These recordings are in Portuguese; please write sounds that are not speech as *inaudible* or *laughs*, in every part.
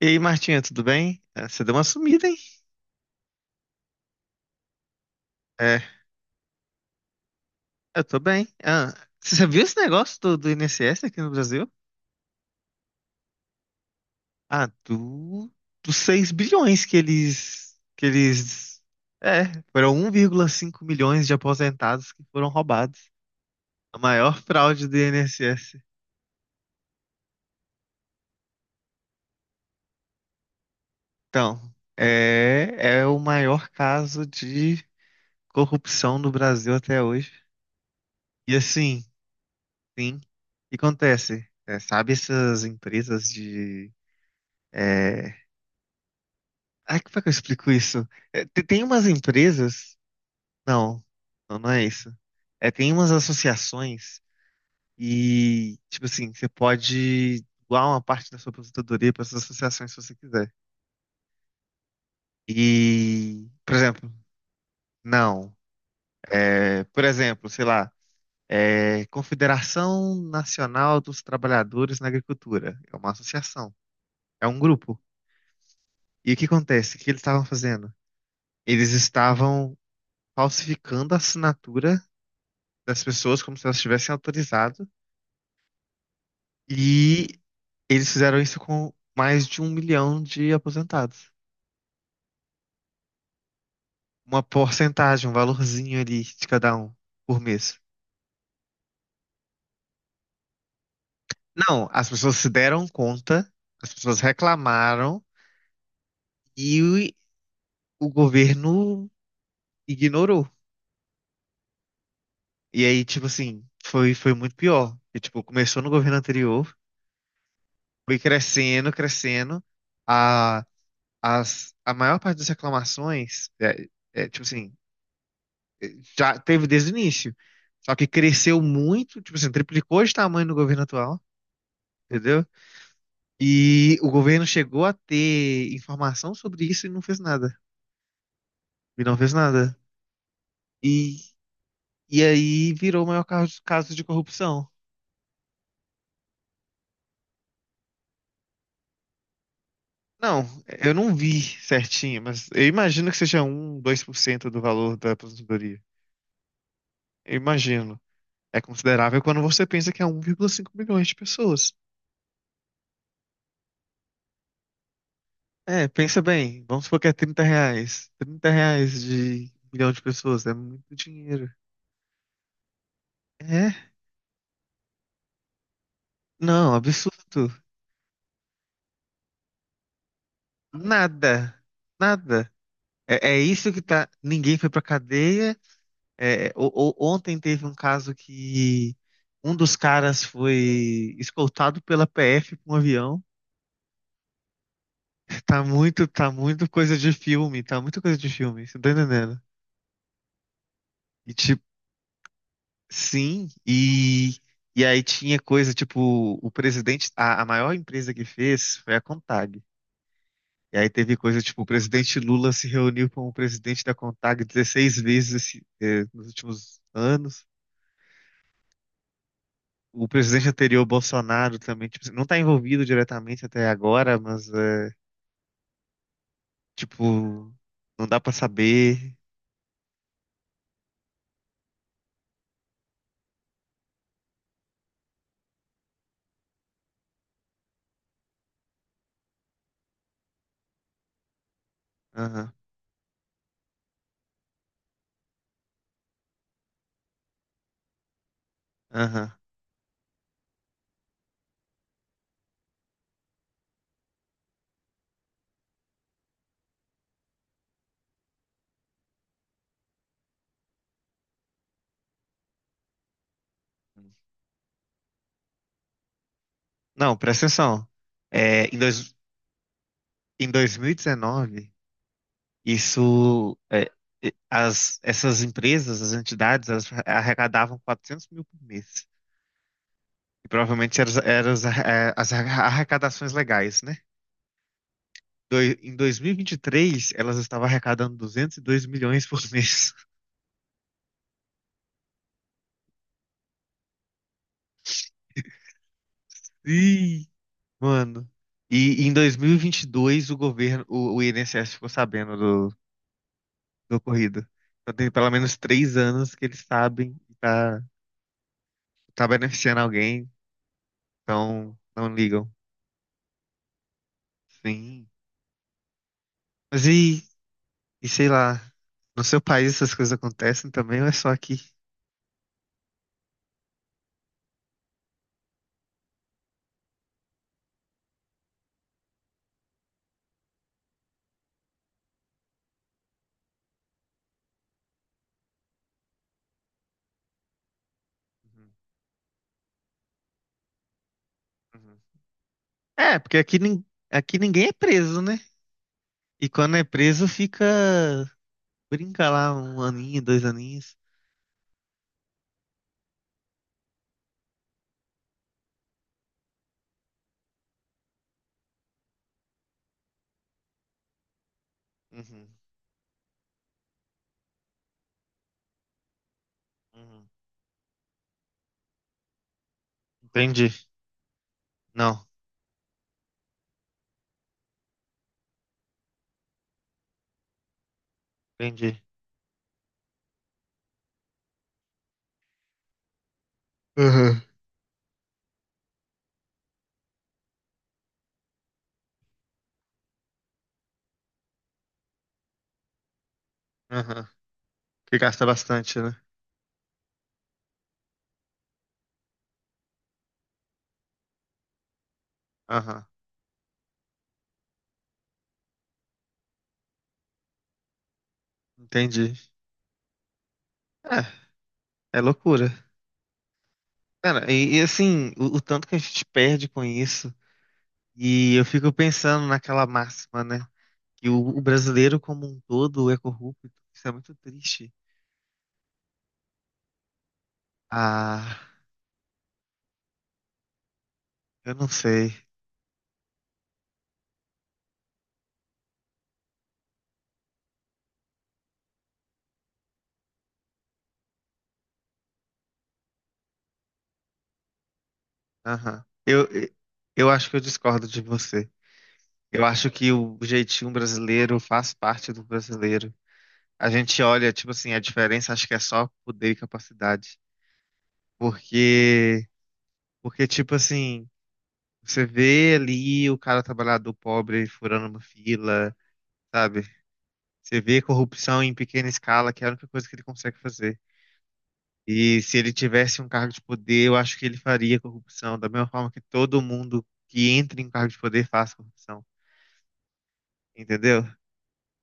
E aí, Martinha, tudo bem? Ah, você deu uma sumida, hein? É, eu tô bem. Ah, você viu esse negócio do INSS aqui no Brasil? Ah, do, dos 6 bilhões que eles, que eles. É, foram 1,5 milhões de aposentados que foram roubados. A maior fraude do INSS. Então, é o maior caso de corrupção no Brasil até hoje. E assim, sim, o que acontece? É, sabe essas empresas de... é, Ai, como é que eu explico isso? É, tem umas empresas. Não, não, não é isso. É, tem umas associações e, tipo assim, você pode doar uma parte da sua aposentadoria para essas associações se você quiser. E, por exemplo, não. É, por exemplo, sei lá, Confederação Nacional dos Trabalhadores na Agricultura. É uma associação, é um grupo. E o que acontece? O que eles estavam fazendo? Eles estavam falsificando a assinatura das pessoas como se elas tivessem autorizado. E eles fizeram isso com mais de 1 milhão de aposentados. Uma porcentagem, um valorzinho ali de cada um por mês. Não, as pessoas se deram conta, as pessoas reclamaram e o governo ignorou. E aí, tipo assim, foi muito pior. E, tipo, começou no governo anterior, foi crescendo, crescendo. A, a maior parte das reclamações, tipo assim. Já teve desde o início. Só que cresceu muito, tipo assim, triplicou de tamanho no governo atual, entendeu? E o governo chegou a ter informação sobre isso e não fez nada. E não fez nada. E, e aí virou o maior caso de corrupção. Não, eu não vi certinho, mas eu imagino que seja um 2% do valor da aposentadoria. Eu imagino. É considerável quando você pensa que é 1,5 milhões de pessoas. É, pensa bem, vamos supor que é R$ 30. R$ 30 de 1 milhão de pessoas é muito dinheiro. É? Não, absurdo. Nada. Nada. É, é isso que tá. Ninguém foi pra cadeia. É, ontem teve um caso que um dos caras foi escoltado pela PF com um avião. Tá muito coisa de filme. Tá muito coisa de filme. Você tá entendendo? E, tipo, sim, e aí tinha coisa tipo, o presidente, a maior empresa que fez foi a Contag. E aí teve coisa tipo, o presidente Lula se reuniu com o presidente da Contag 16 vezes nos últimos anos. O presidente anterior, Bolsonaro, também, tipo, não está envolvido diretamente até agora, mas tipo, não dá para saber. Aham, aham. Não, presta atenção. É, em, dois, em 2019. Isso, essas empresas, as entidades, elas arrecadavam 400 mil por mês. E provavelmente eram as arrecadações legais, né? Em 2023 elas estavam arrecadando 202 milhões por mês. *laughs* Ih, mano. E em dois mil e vinte e dois o governo, o INSS ficou sabendo do ocorrido. Então tem pelo menos 3 anos que eles sabem que tá beneficiando alguém, então não ligam. Sim. Mas sei lá, no seu país essas coisas acontecem também ou é só aqui? Uhum, uhum. É, porque aqui ninguém é preso, né? E quando é preso fica. Brinca lá um aninho, dois aninhos. Uhum, uhum. Entendi. Não, entendi. Uhum. Aham. Que gasta bastante, né? Aham. Entendi. É, é loucura. Cara, e assim, o tanto que a gente perde com isso. E eu fico pensando naquela máxima, né? Que o brasileiro como um todo é corrupto. Isso é muito triste. Ah, eu não sei. Aham. Eu acho que eu discordo de você. Eu acho que o jeitinho brasileiro faz parte do brasileiro. A gente olha, tipo assim, a diferença acho que é só poder e capacidade. Porque, porque tipo assim, você vê ali o cara trabalhador pobre furando uma fila, sabe? Você vê corrupção em pequena escala, que é a única coisa que ele consegue fazer. E se ele tivesse um cargo de poder, eu acho que ele faria corrupção, da mesma forma que todo mundo que entra em um cargo de poder faz corrupção, entendeu?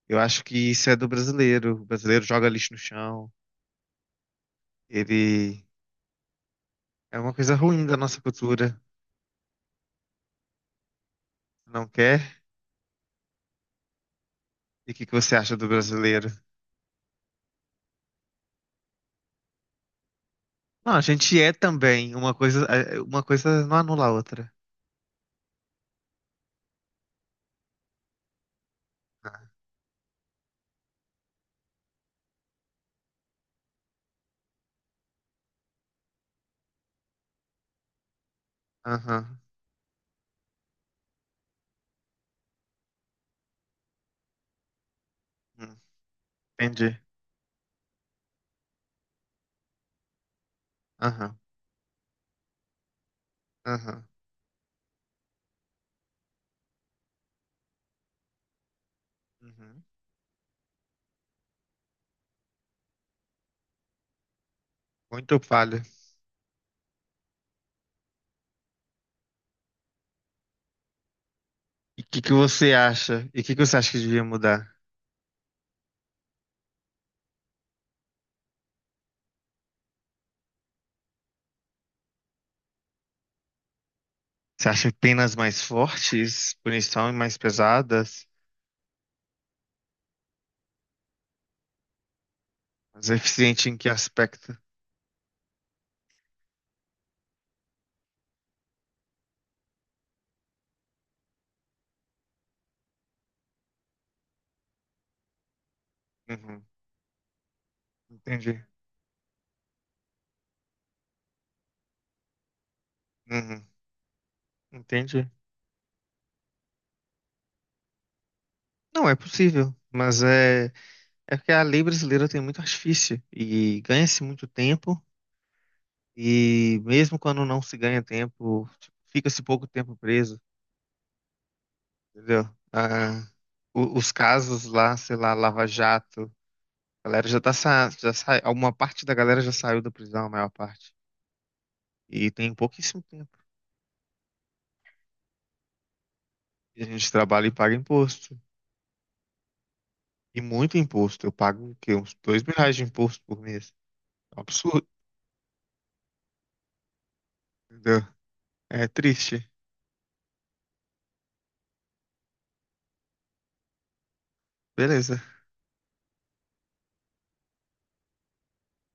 Eu acho que isso é do brasileiro. O brasileiro joga lixo no chão, ele é uma coisa ruim da nossa cultura. Não quer? E o que que você acha do brasileiro? Não, a gente é também uma coisa, uma coisa não anula a outra. Aham, hum, entendi. Aham, aham, uhum. Muito falha. E o que que você acha? E o que que você acha que devia mudar? Você acha penas mais fortes, punição mais pesadas? Mais eficiente em que aspecto? Uhum, entendi. Uhum, entendi. Não é possível, mas é porque a lei brasileira tem muito artifício e ganha-se muito tempo, e mesmo quando não se ganha tempo, tipo, fica-se pouco tempo preso, entendeu? Ah, os casos lá, sei lá, Lava Jato, a galera já sai, uma parte da galera já saiu da prisão, a maior parte. E tem pouquíssimo E a gente trabalha e paga imposto. E muito imposto. Eu pago o quê? Uns R$ 2.000 de imposto por mês. É um absurdo. Entendeu? É triste. Beleza.